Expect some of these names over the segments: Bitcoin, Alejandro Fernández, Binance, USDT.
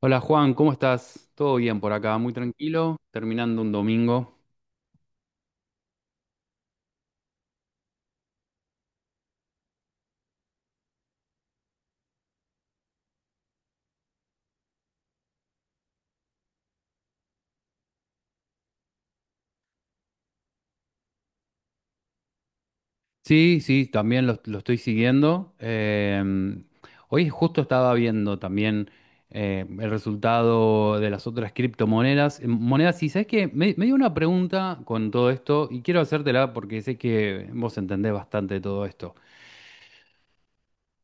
Hola Juan, ¿cómo estás? Todo bien por acá, muy tranquilo, terminando un domingo. Sí, sí, también lo estoy siguiendo. Hoy justo estaba viendo también el resultado de las otras criptomonedas. Monedas, y sabes que me dio una pregunta con todo esto y quiero hacértela porque sé que vos entendés bastante de todo esto.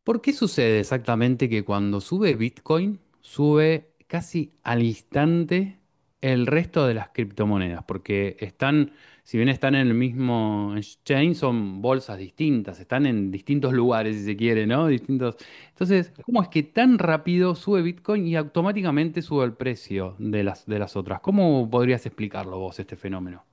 ¿Por qué sucede exactamente que cuando sube Bitcoin, sube casi al instante el resto de las criptomonedas? Porque están, si bien están en el mismo exchange, son bolsas distintas, están en distintos lugares, si se quiere, ¿no? Distintos. Entonces, ¿cómo es que tan rápido sube Bitcoin y automáticamente sube el precio de las otras? ¿Cómo podrías explicarlo vos, este fenómeno?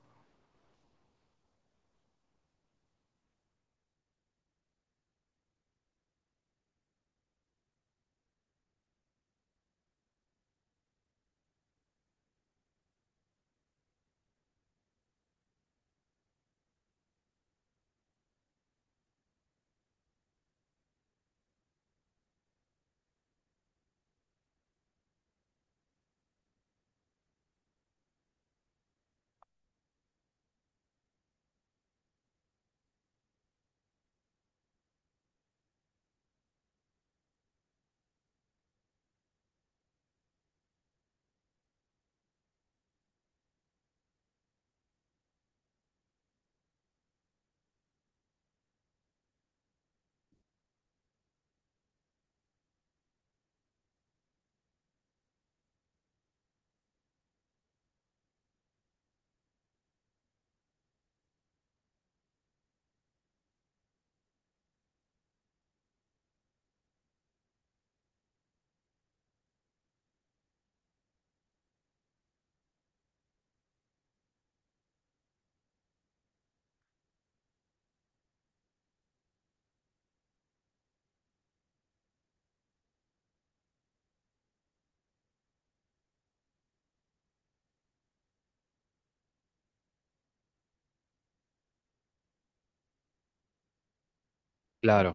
Claro.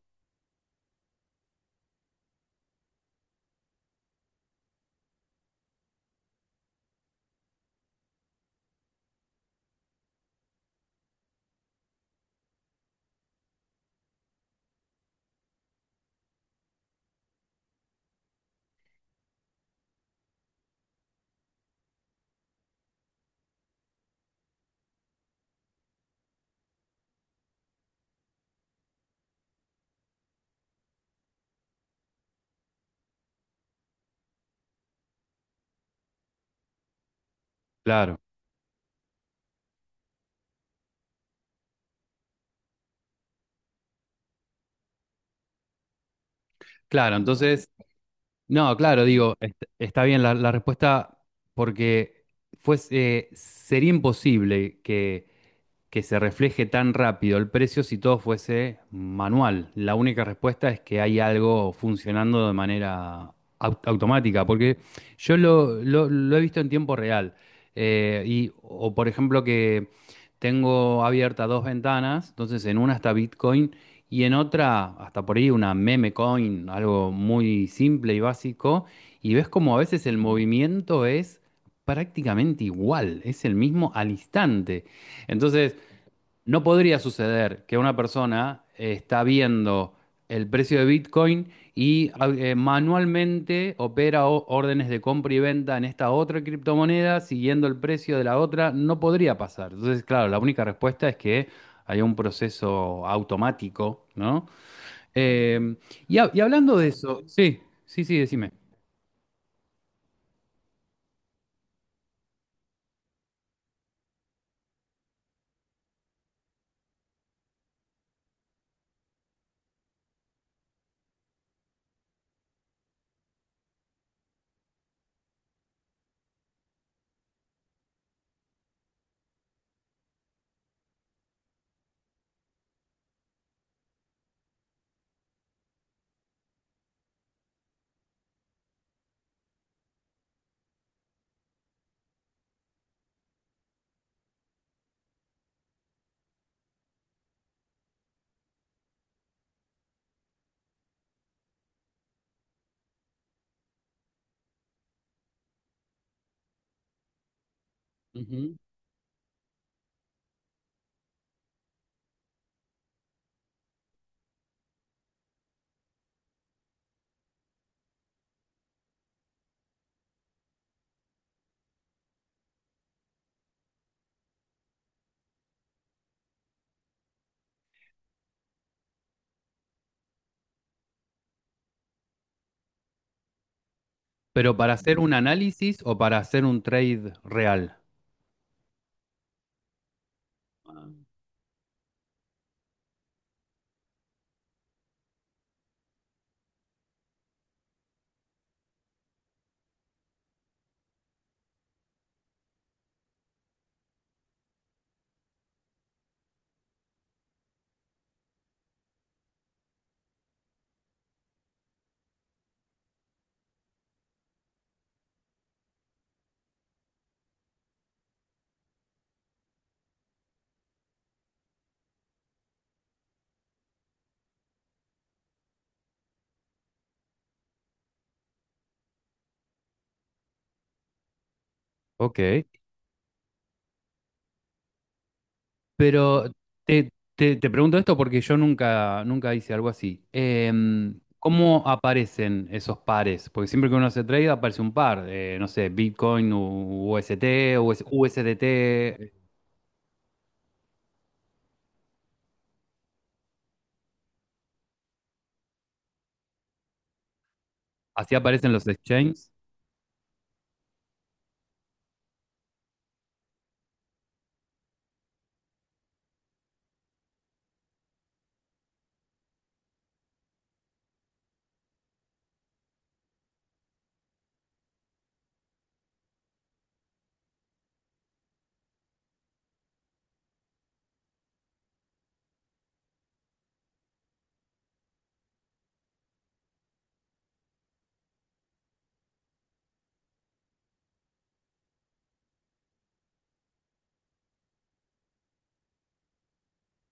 Claro, claro. Entonces, no, claro, digo, está bien la respuesta porque sería imposible que se refleje tan rápido el precio si todo fuese manual. La única respuesta es que hay algo funcionando de manera automática, porque yo lo he visto en tiempo real. Y, O por ejemplo que tengo abiertas dos ventanas, entonces en una está Bitcoin y en otra, hasta por ahí, una meme coin, algo muy simple y básico, y ves como a veces el movimiento es prácticamente igual, es el mismo al instante. Entonces, no podría suceder que una persona está viendo el precio de Bitcoin y manualmente opera órdenes de compra y venta en esta otra criptomoneda siguiendo el precio de la otra. No podría pasar. Entonces, claro, la única respuesta es que haya un proceso automático, ¿no? Eh, y hablando de eso, sí, sí, sí, decime. Ujú. Pero ¿para hacer un análisis o para hacer un trade real? Ah. Ok. Pero te, te pregunto esto porque yo nunca, nunca hice algo así. Em, ¿cómo aparecen esos pares? Porque siempre que uno hace trade aparece un par. No sé, Bitcoin, UST, USDT. Así aparecen los exchanges.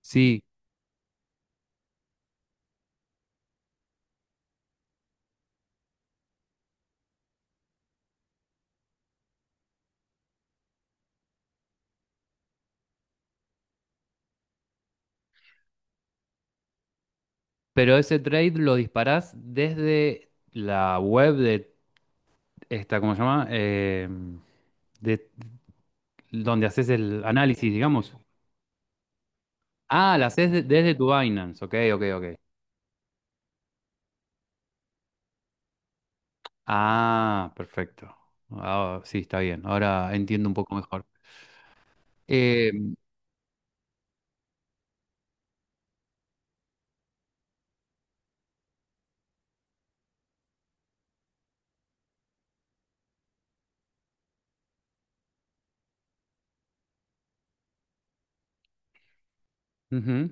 Sí, pero ese trade lo disparás desde la web de esta, ¿cómo se llama? Em, de, donde haces el análisis, digamos. Ah, la haces desde tu Binance. Ok, ok, ok. Ah, perfecto. Ah, sí, está bien. Ahora entiendo un poco mejor. Eh, ujú.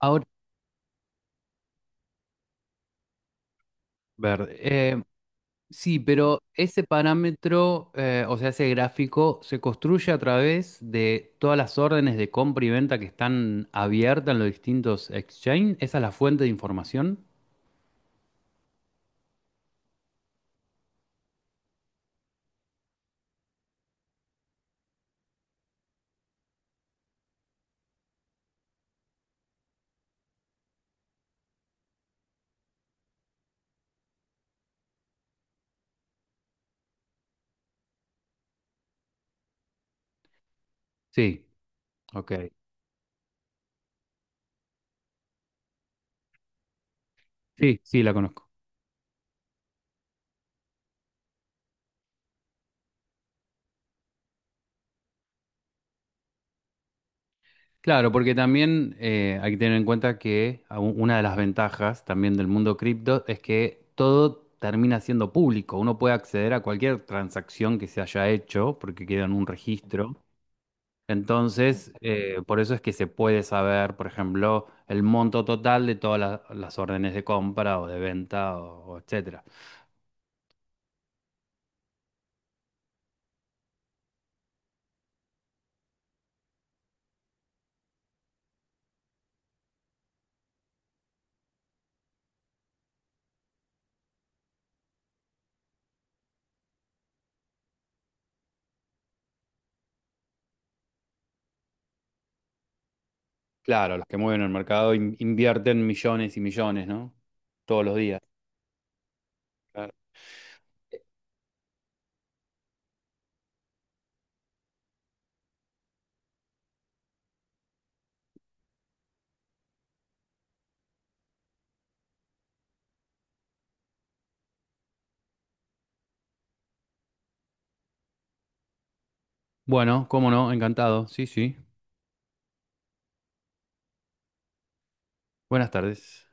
Ahora, verde. Sí, pero ese parámetro, o sea, ese gráfico, se construye a través de todas las órdenes de compra y venta que están abiertas en los distintos exchanges. ¿Esa es la fuente de información? Sí, ok. Sí, sí, la conozco. Claro, porque también hay que tener en cuenta que una de las ventajas también del mundo cripto es que todo termina siendo público. Uno puede acceder a cualquier transacción que se haya hecho porque queda en un registro. Entonces, por eso es que se puede saber, por ejemplo, el monto total de todas las órdenes de compra o de venta o etcétera. Claro, los que mueven el mercado invierten millones y millones, ¿no? Todos los días. Claro. Bueno, cómo no, encantado. Sí, sí. Buenas tardes.